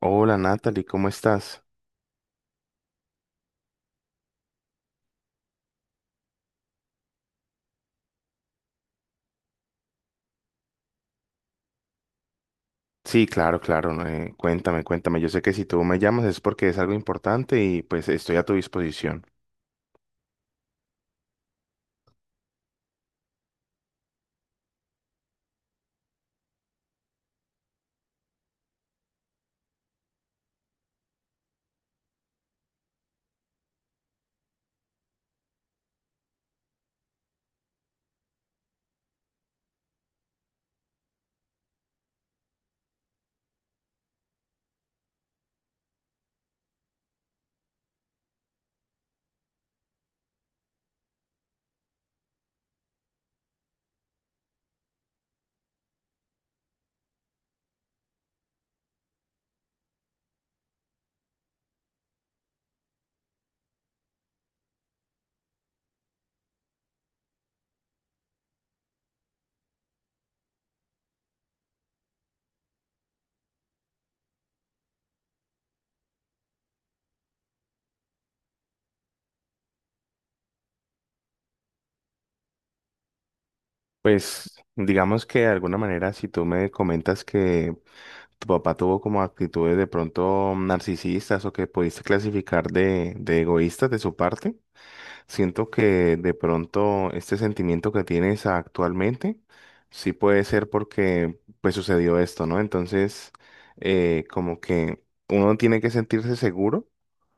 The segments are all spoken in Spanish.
Hola Natalie, ¿cómo estás? Sí, claro, claro. Cuéntame, cuéntame. Yo sé que si tú me llamas es porque es algo importante y pues estoy a tu disposición. Pues digamos que de alguna manera si tú me comentas que tu papá tuvo como actitudes de pronto narcisistas o que pudiste clasificar de egoístas de su parte. Siento que de pronto este sentimiento que tienes actualmente sí puede ser porque pues sucedió esto, ¿no? Entonces, como que uno tiene que sentirse seguro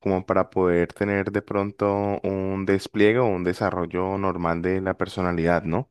como para poder tener de pronto un despliegue o un desarrollo normal de la personalidad, ¿no?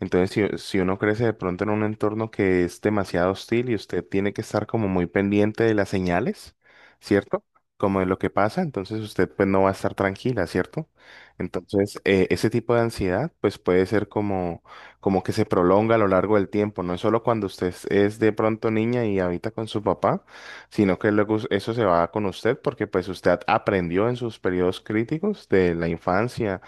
Entonces, si uno crece de pronto en un entorno que es demasiado hostil y usted tiene que estar como muy pendiente de las señales, ¿cierto? Como de lo que pasa, entonces usted pues no va a estar tranquila, ¿cierto? Entonces, ese tipo de ansiedad pues puede ser como, como que se prolonga a lo largo del tiempo, no es solo cuando usted es de pronto niña y habita con su papá, sino que luego eso se va con usted porque pues usted aprendió en sus periodos críticos de la infancia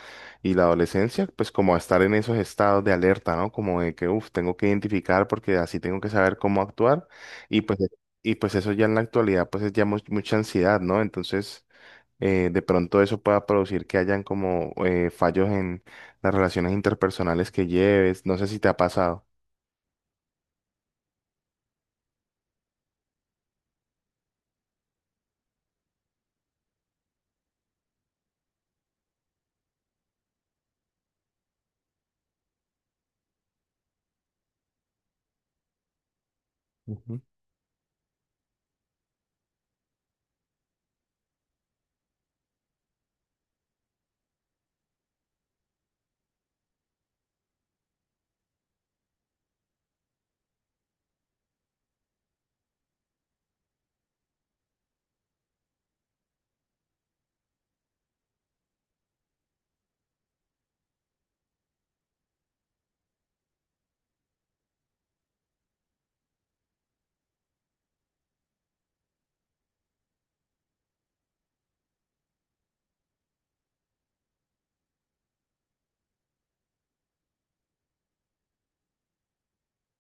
y la adolescencia, pues como a estar en esos estados de alerta, ¿no? Como de que, uff, tengo que identificar porque así tengo que saber cómo actuar. Y pues, y pues eso ya en la actualidad, pues es ya mucha ansiedad, ¿no? Entonces, de pronto eso pueda producir que hayan como fallos en las relaciones interpersonales que lleves. No sé si te ha pasado. Ujú.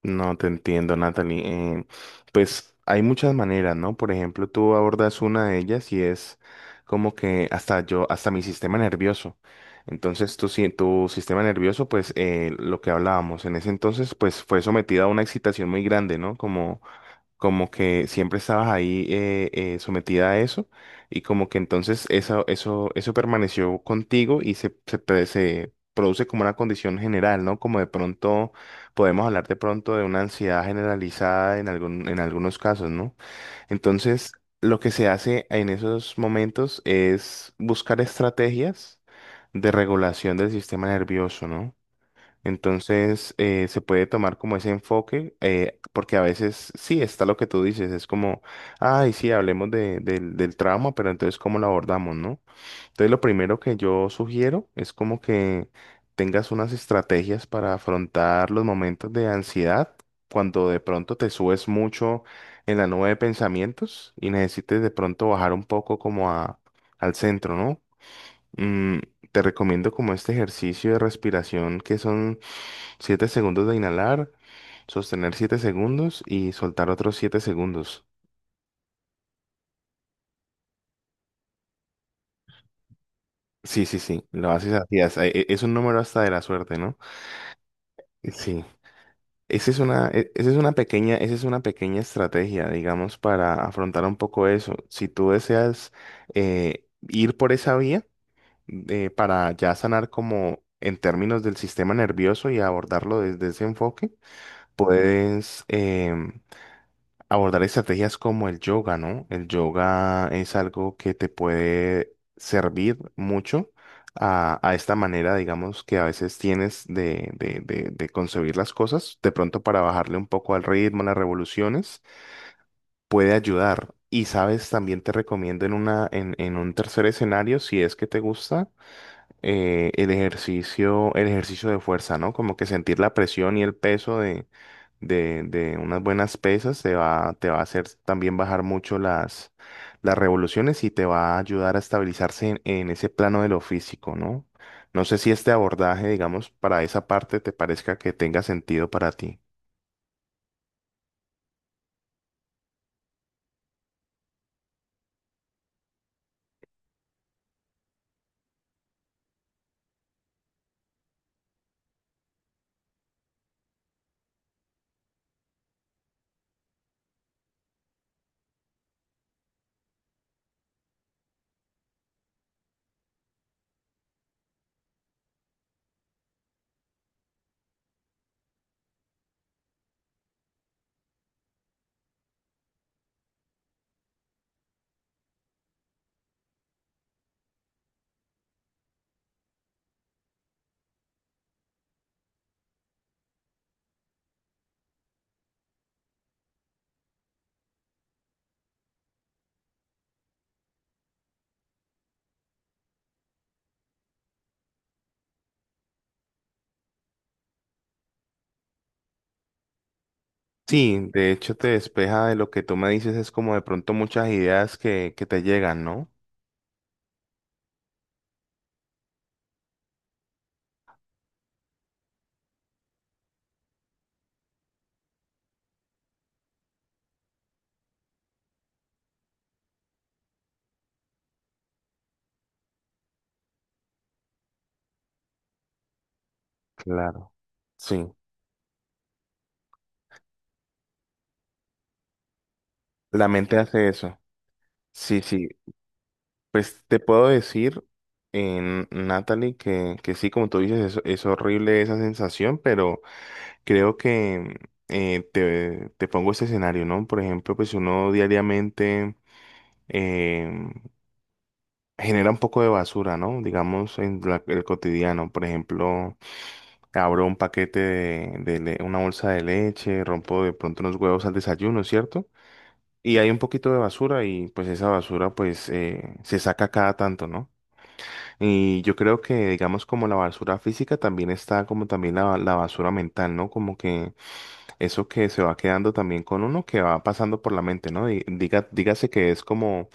No te entiendo, Natalie. Eh, pues hay muchas maneras, ¿no? Por ejemplo, tú abordas una de ellas y es como que hasta yo, hasta mi sistema nervioso. Entonces, tu, si- tu sistema nervioso, pues lo que hablábamos en ese entonces, pues fue sometido a una excitación muy grande, ¿no? Como que siempre estabas ahí sometida a eso y como que entonces eso permaneció contigo y se produce como una condición general, ¿no? Como de pronto podemos hablar de pronto de una ansiedad generalizada en algunos casos, ¿no? Entonces, lo que se hace en esos momentos es buscar estrategias de regulación del sistema nervioso, ¿no? Entonces, se puede tomar como ese enfoque, porque a veces sí está lo que tú dices, es como, ay, sí, hablemos del trauma, pero entonces, ¿cómo lo abordamos, no? Entonces, lo primero que yo sugiero es como que tengas unas estrategias para afrontar los momentos de ansiedad, cuando de pronto te subes mucho en la nube de pensamientos y necesites de pronto bajar un poco como a, al centro, ¿no? Mm, te recomiendo como este ejercicio de respiración que son 7 segundos de inhalar, sostener 7 segundos y soltar otros 7 segundos. Sí, sí, sí, lo haces así. Es un número hasta de la suerte, ¿no? Sí. Esa es una, e- esa es una pequeña, esa es una pequeña estrategia, digamos, para afrontar un poco eso. Si tú deseas ir por esa vía para ya sanar como en términos del sistema nervioso y abordarlo desde ese enfoque, puedes abordar estrategias como el yoga, ¿no? El yoga es algo que te puede servir mucho a esta manera, digamos, que a veces tienes de concebir las cosas. De pronto para bajarle un poco al ritmo, a las revoluciones, puede ayudar. Y sabes, también te recomiendo en un tercer escenario, si es que te gusta el ejercicio de fuerza, ¿no? Como que sentir la presión y el peso de unas buenas pesas te va a hacer también bajar mucho las revoluciones y te va a ayudar a estabilizarse en ese plano de lo físico, ¿no? No sé si este abordaje, digamos, para esa parte te parezca que tenga sentido para ti. Sí, de hecho te despeja de lo que tú me dices, es como de pronto muchas ideas que te llegan, ¿no? Claro. Sí, la mente hace eso. Sí, sí. Pues te puedo decir, en Natalie, que sí, como tú dices, es, horrible esa sensación, pero creo que te pongo este escenario, ¿no? Por ejemplo, pues uno diariamente em, genera un poco de basura, ¿no? Digamos, en el cotidiano. Por ejemplo, abro un paquete una bolsa de leche, rompo de pronto unos huevos al desayuno, ¿cierto? Y hay un poquito de basura y pues esa basura pues se saca cada tanto, ¿no? Y yo creo que, digamos, como la basura física también está como también la basura mental, ¿no? Como que eso que se va quedando también con uno, que va pasando por la mente, ¿no? Dígase que es como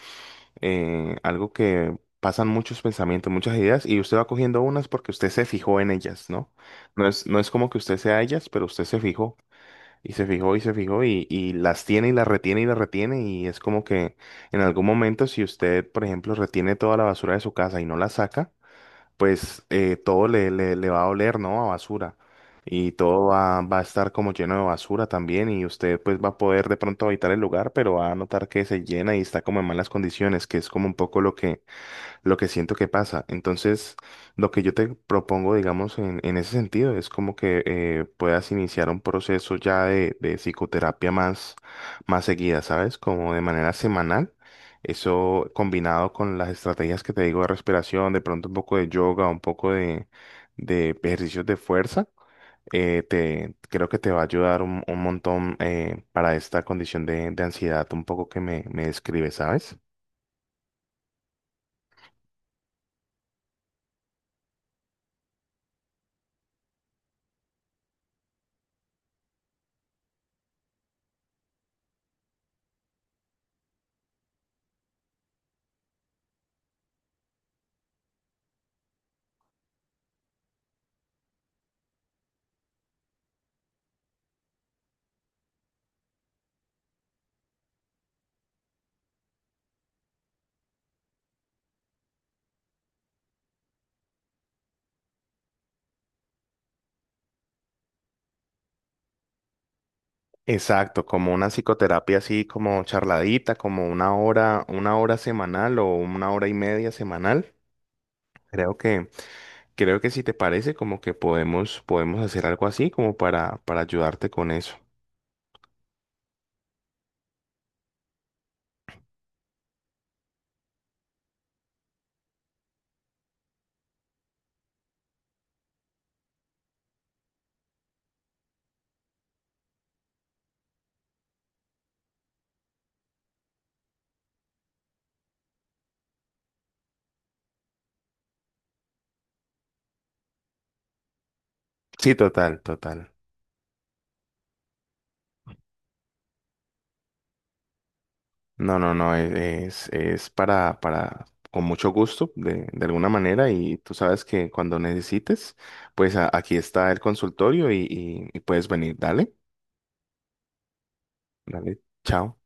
algo que pasan muchos pensamientos, muchas ideas, y usted va cogiendo unas porque usted se fijó en ellas, ¿no? No es, no es como que usted sea ellas, pero usted se fijó, y se fijó, y se fijó, y las tiene, y las retiene, y las retiene, y es como que en algún momento, si usted, por ejemplo, retiene toda la basura de su casa y no la saca, pues todo le va a oler, ¿no? A basura. Y todo va a estar como lleno de basura también y usted pues va a poder de pronto habitar el lugar, pero va a notar que se llena y está como en malas condiciones, que es como un poco lo que siento que pasa. Entonces, lo que yo te propongo, digamos, en ese sentido, es como que puedas iniciar un proceso ya de psicoterapia más seguida, ¿sabes? Como de manera semanal. Eso combinado con las estrategias que te digo de respiración, de pronto un poco de yoga, un poco de ejercicios de fuerza, creo que te va a ayudar un montón para esta condición de ansiedad un poco que me describe, ¿sabes? Exacto, como una psicoterapia así como charladita, como una hora semanal o una hora y media semanal. Creo que, creo que si te parece, como que podemos hacer algo así como para, ayudarte con eso. Sí, total, total. No, no, no, es para, con mucho gusto, de alguna manera, y tú sabes que cuando necesites, pues aquí está el consultorio, y puedes venir. Dale, dale, chao.